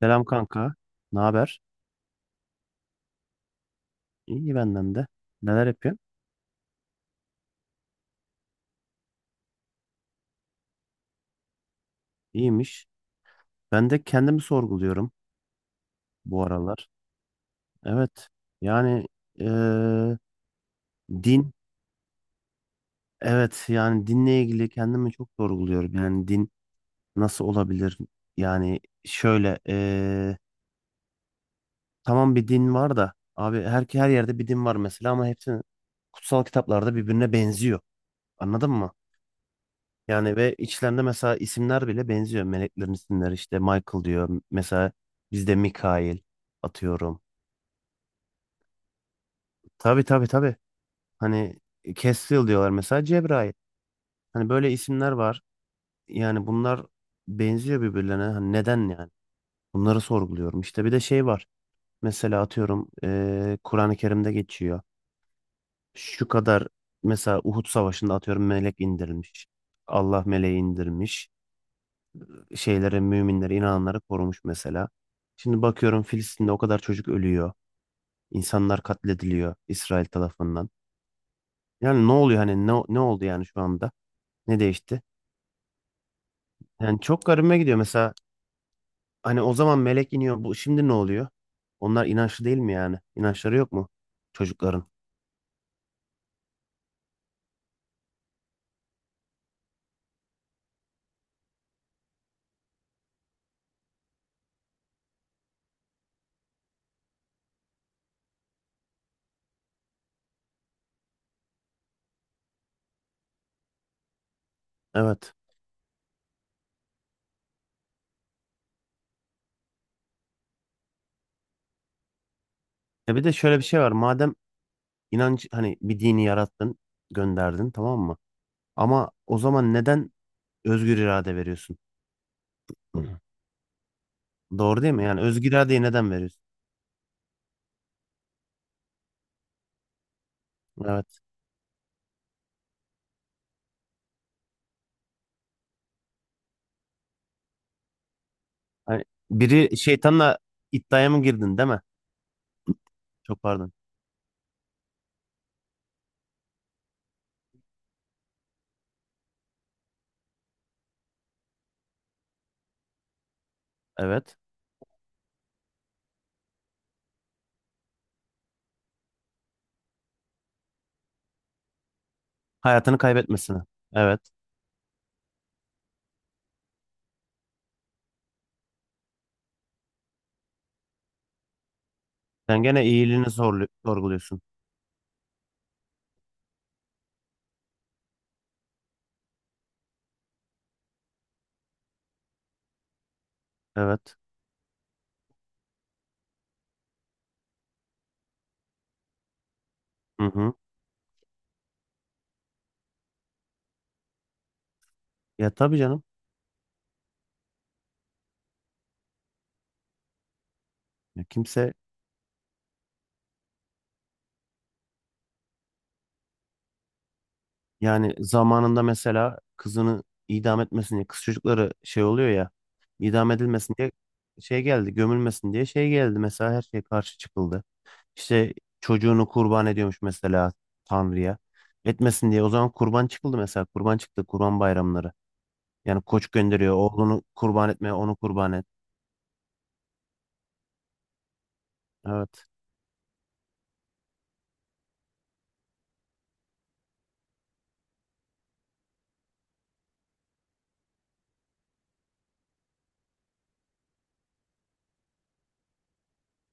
Selam kanka. Ne haber? İyi benden de. Neler yapıyorsun? İyiymiş. Ben de kendimi sorguluyorum bu aralar. Evet. Yani eee, din. Evet. Yani dinle ilgili kendimi çok sorguluyorum. Yani din nasıl olabilir? Yani şöyle tamam bir din var da abi her yerde bir din var mesela ama hepsi kutsal kitaplarda birbirine benziyor. Anladın mı? Yani ve içlerinde mesela isimler bile benziyor. Meleklerin isimleri işte Michael diyor. Mesela bizde Mikail atıyorum. Tabii tabii tabii. Hani Castiel diyorlar mesela Cebrail. Hani böyle isimler var. Yani bunlar benziyor birbirlerine. Hani neden yani? Bunları sorguluyorum. İşte bir de şey var. Mesela atıyorum Kur'an-ı Kerim'de geçiyor. Şu kadar mesela Uhud Savaşı'nda atıyorum melek indirilmiş. Allah meleği indirmiş. Şeyleri, müminleri, inananları korumuş mesela. Şimdi bakıyorum Filistin'de o kadar çocuk ölüyor. İnsanlar katlediliyor İsrail tarafından. Yani ne oluyor hani ne oldu yani şu anda? Ne değişti? Yani çok garibime gidiyor mesela hani o zaman melek iniyor. Bu şimdi ne oluyor? Onlar inançlı değil mi yani? İnançları yok mu çocukların? Evet. E bir de şöyle bir şey var. Madem inanç hani bir dini yarattın, gönderdin tamam mı? Ama o zaman neden özgür irade veriyorsun? Hı. Doğru değil mi? Yani özgür iradeyi neden veriyorsun? Evet. Hani biri şeytanla iddiaya mı girdin değil mi? Çok pardon. Evet. Hayatını kaybetmesine. Evet. Sen gene iyiliğini sorlu- sorguluyorsun. Evet. Hı hı. Ya tabii canım. Ya kimse yani zamanında mesela kızını idam etmesin diye kız çocukları şey oluyor ya idam edilmesin diye şey geldi gömülmesin diye şey geldi mesela her şey karşı çıkıldı. İşte çocuğunu kurban ediyormuş mesela Tanrı'ya. Etmesin diye o zaman kurban çıkıldı mesela kurban çıktı kurban bayramları. Yani koç gönderiyor. Oğlunu kurban etmeye onu kurban et. Evet.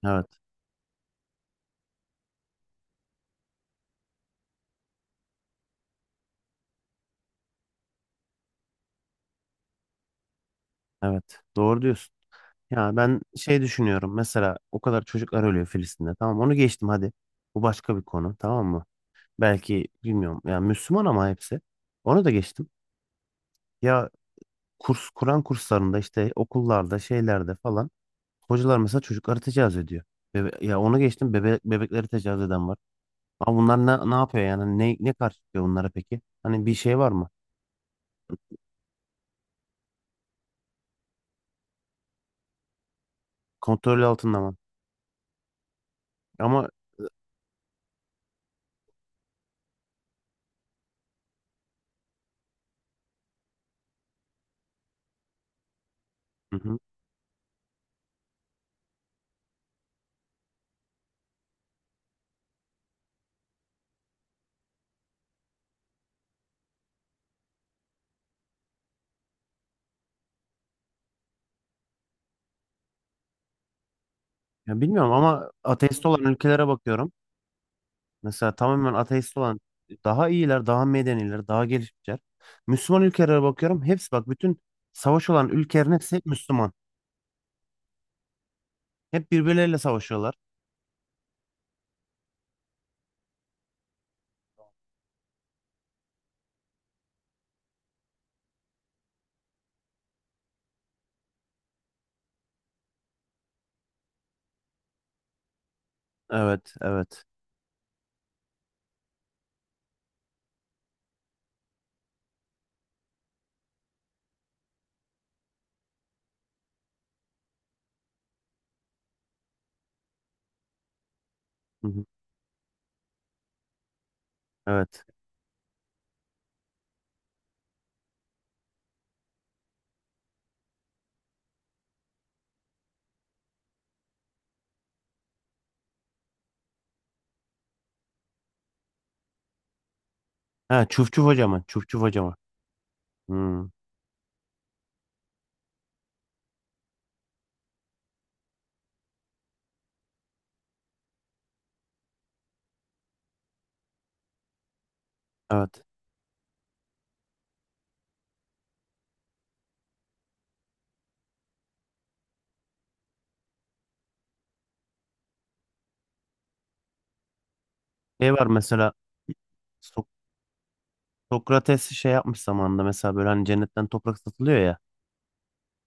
Evet. Evet. Doğru diyorsun. Ya ben şey düşünüyorum. Mesela o kadar çocuklar ölüyor Filistin'de. Tamam onu geçtim hadi. Bu başka bir konu. Tamam mı? Belki bilmiyorum. Yani Müslüman ama hepsi. Onu da geçtim. Ya kurs Kur'an kurslarında işte okullarda şeylerde falan hocalar mesela çocukları tecavüz ediyor. Bebe- ya onu geçtim. Bebe bebekleri tecavüz eden var. Ama bunlar ne yapıyor yani? Ne karşılıyor bunlara peki? Hani bir şey var mı? Kontrol altında mı? Ama hı hı. Ya bilmiyorum ama ateist olan ülkelere bakıyorum. Mesela tamamen ateist olan daha iyiler, daha medeniler, daha gelişmişler. Müslüman ülkelere bakıyorum. Hepsi bak bütün savaş olan ülkelerin hepsi hep Müslüman. Hep birbirleriyle savaşıyorlar. Evet, evet. Hı hı, evet. Ha, çufçuf hocama, çufçuf hocama. Hmm, evet. Şey var mesela So- Sokrates şey yapmış zamanında mesela böyle hani cennetten toprak satılıyor ya.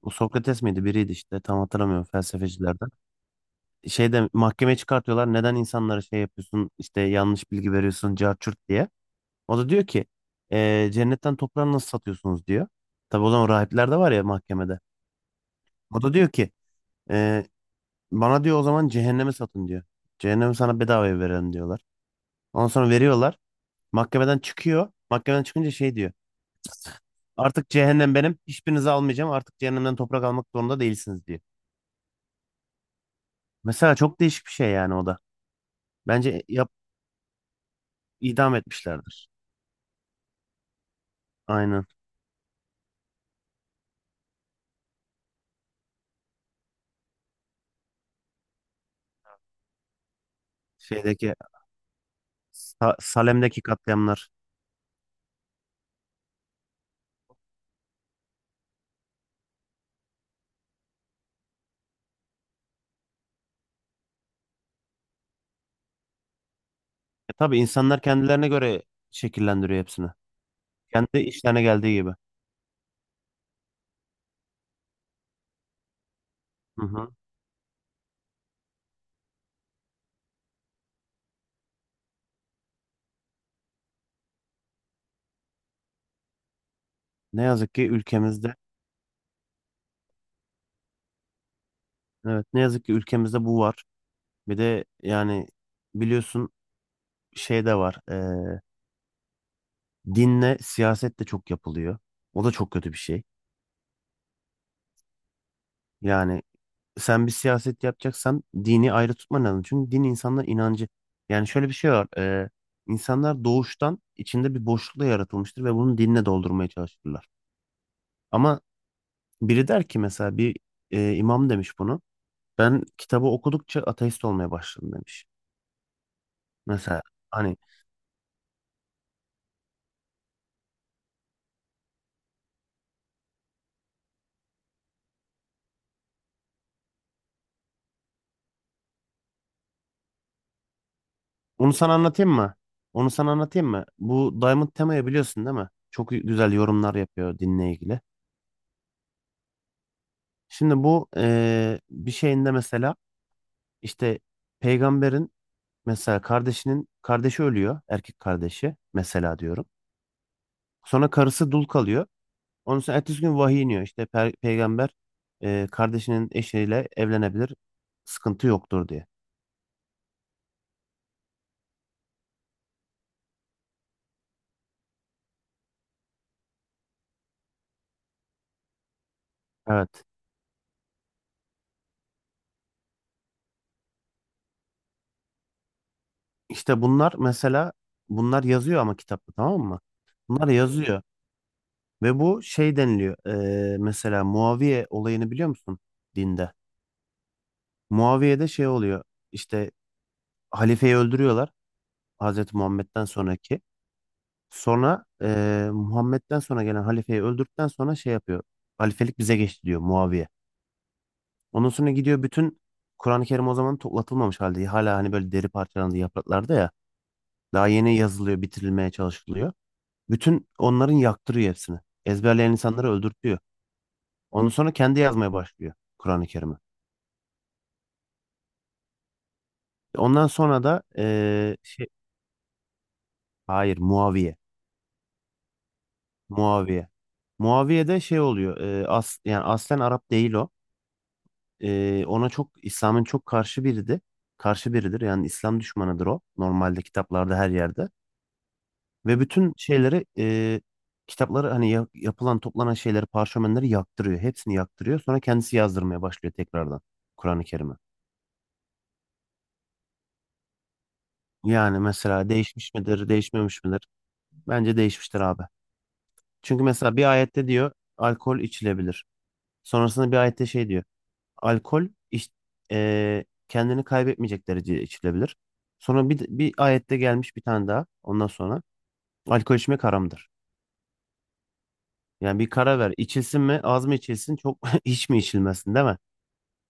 O Sokrates miydi biriydi işte tam hatırlamıyorum felsefecilerden. Şeyde mahkemeye çıkartıyorlar. Neden insanlara şey yapıyorsun işte yanlış bilgi veriyorsun carçurt diye. O da diyor ki cennetten toprağı nasıl satıyorsunuz" diyor. Tabii o zaman rahipler de var ya mahkemede. O da diyor ki "Ee, bana" diyor "o zaman cehennemi satın" diyor. "Cehennemi sana bedavaya verelim" diyorlar. Ondan sonra veriyorlar. Mahkemeden çıkıyor. Mahkemeden çıkınca şey diyor. Artık cehennem benim. Hiçbirinizi almayacağım. Artık cehennemden toprak almak zorunda değilsiniz diyor. Mesela çok değişik bir şey yani o da. Bence yap idam etmişlerdir. Aynen. Şeydeki Salem'deki katliamlar. E tabii insanlar kendilerine göre şekillendiriyor hepsini. Kendi işlerine geldiği gibi. Hı hı. Ne yazık ki ülkemizde, evet ne yazık ki ülkemizde bu var. Bir de yani biliyorsun şey de var. Dinle siyaset de çok yapılıyor. O da çok kötü bir şey. Yani sen bir siyaset yapacaksan dini ayrı tutman lazım. Çünkü din insanların inancı. Yani şöyle bir şey var. E, insanlar doğuştan içinde bir boşlukla yaratılmıştır ve bunu dinle doldurmaya çalışırlar. Ama biri der ki mesela bir imam demiş bunu. Ben kitabı okudukça ateist olmaya başladım demiş. Mesela hani onu sana anlatayım mı? Onu sana anlatayım mı? Bu Diamond Tema'yı biliyorsun değil mi? Çok güzel yorumlar yapıyor dinle ilgili. Şimdi bu bir şeyinde mesela işte peygamberin mesela kardeşi ölüyor. Erkek kardeşi mesela diyorum. Sonra karısı dul kalıyor. Onun sonra ertesi gün vahiy iniyor. İşte peygamber kardeşinin eşiyle evlenebilir. Sıkıntı yoktur diye. Evet. İşte bunlar mesela bunlar yazıyor ama kitapta tamam mı? Bunlar yazıyor. Ve bu şey deniliyor. Mesela Muaviye olayını biliyor musun dinde? Muaviye'de şey oluyor. İşte halifeyi öldürüyorlar. Hazreti Muhammed'den sonraki. Sonra Muhammed'den sonra gelen halifeyi öldürdükten sonra şey yapıyor. Halifelik bize geçti diyor Muaviye. Ondan sonra gidiyor bütün Kur'an-ı Kerim o zaman toplatılmamış halde. Hala hani böyle deri parçalandı yapraklarda ya. Daha yeni yazılıyor, bitirilmeye çalışılıyor. Bütün onların yaktırıyor hepsini. Ezberleyen insanları öldürtüyor. Ondan sonra kendi yazmaya başlıyor Kur'an-ı Kerim'i. Ondan sonra da hayır Muaviye. Muaviye. Muaviye de şey oluyor. Yani aslen Arap değil o. Ona çok İslam'ın karşı biridir. Karşı biridir. Yani İslam düşmanıdır o. Normalde kitaplarda her yerde. Ve bütün şeyleri kitapları hani yapılan toplanan şeyleri parşömenleri yaktırıyor. Hepsini yaktırıyor. Sonra kendisi yazdırmaya başlıyor tekrardan Kur'an-ı Kerim'i. Yani mesela değişmiş midir, değişmemiş midir? Bence değişmiştir abi. Çünkü mesela bir ayette diyor alkol içilebilir. Sonrasında bir ayette şey diyor. Alkol iç- kendini kaybetmeyecek derecede içilebilir. Sonra bir ayette gelmiş bir tane daha. Ondan sonra alkol içmek haramdır. Yani bir karar ver. İçilsin mi, az mı içilsin, çok hiç mi içilmesin, değil mi?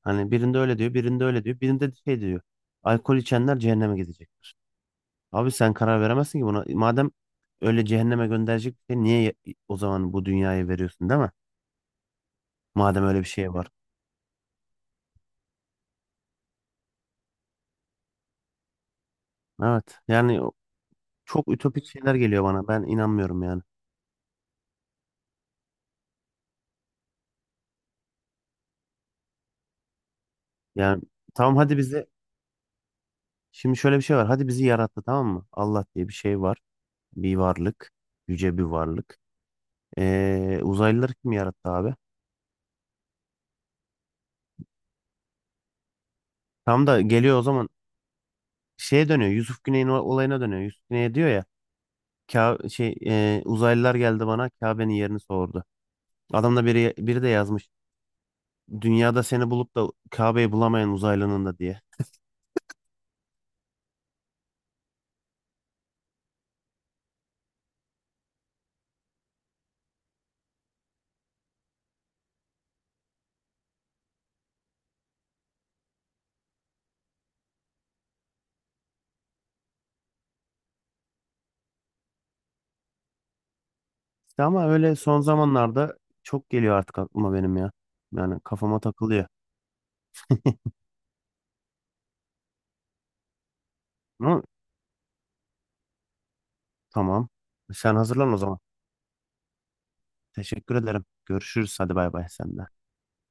Hani birinde öyle diyor, birinde öyle diyor, birinde de şey diyor. Alkol içenler cehenneme gidecektir. Abi sen karar veremezsin ki buna. Madem öyle cehenneme gönderecek bir şey niye o zaman bu dünyayı veriyorsun değil mi? Madem öyle bir şey var. Evet. Çok ütopik şeyler geliyor bana. Ben inanmıyorum yani. Yani tamam hadi bizi Şimdi şöyle bir şey var. Hadi bizi yarattı tamam mı? Allah diye bir şey var. Bir varlık. Yüce bir varlık. Uzaylıları kim yarattı abi? Tam da geliyor o zaman şeye dönüyor. Yusuf Güney'in olayına dönüyor. Yusuf Güney diyor ya. Uzaylılar geldi bana Kabe'nin yerini sordu. Adam da biri de yazmış. Dünyada seni bulup da Kabe'yi bulamayan uzaylının da diye. İşte ama öyle son zamanlarda çok geliyor artık aklıma benim ya. Yani kafama takılıyor. Ama tamam. Sen hazırlan o zaman. Teşekkür ederim. Görüşürüz. Hadi bay bay sen de.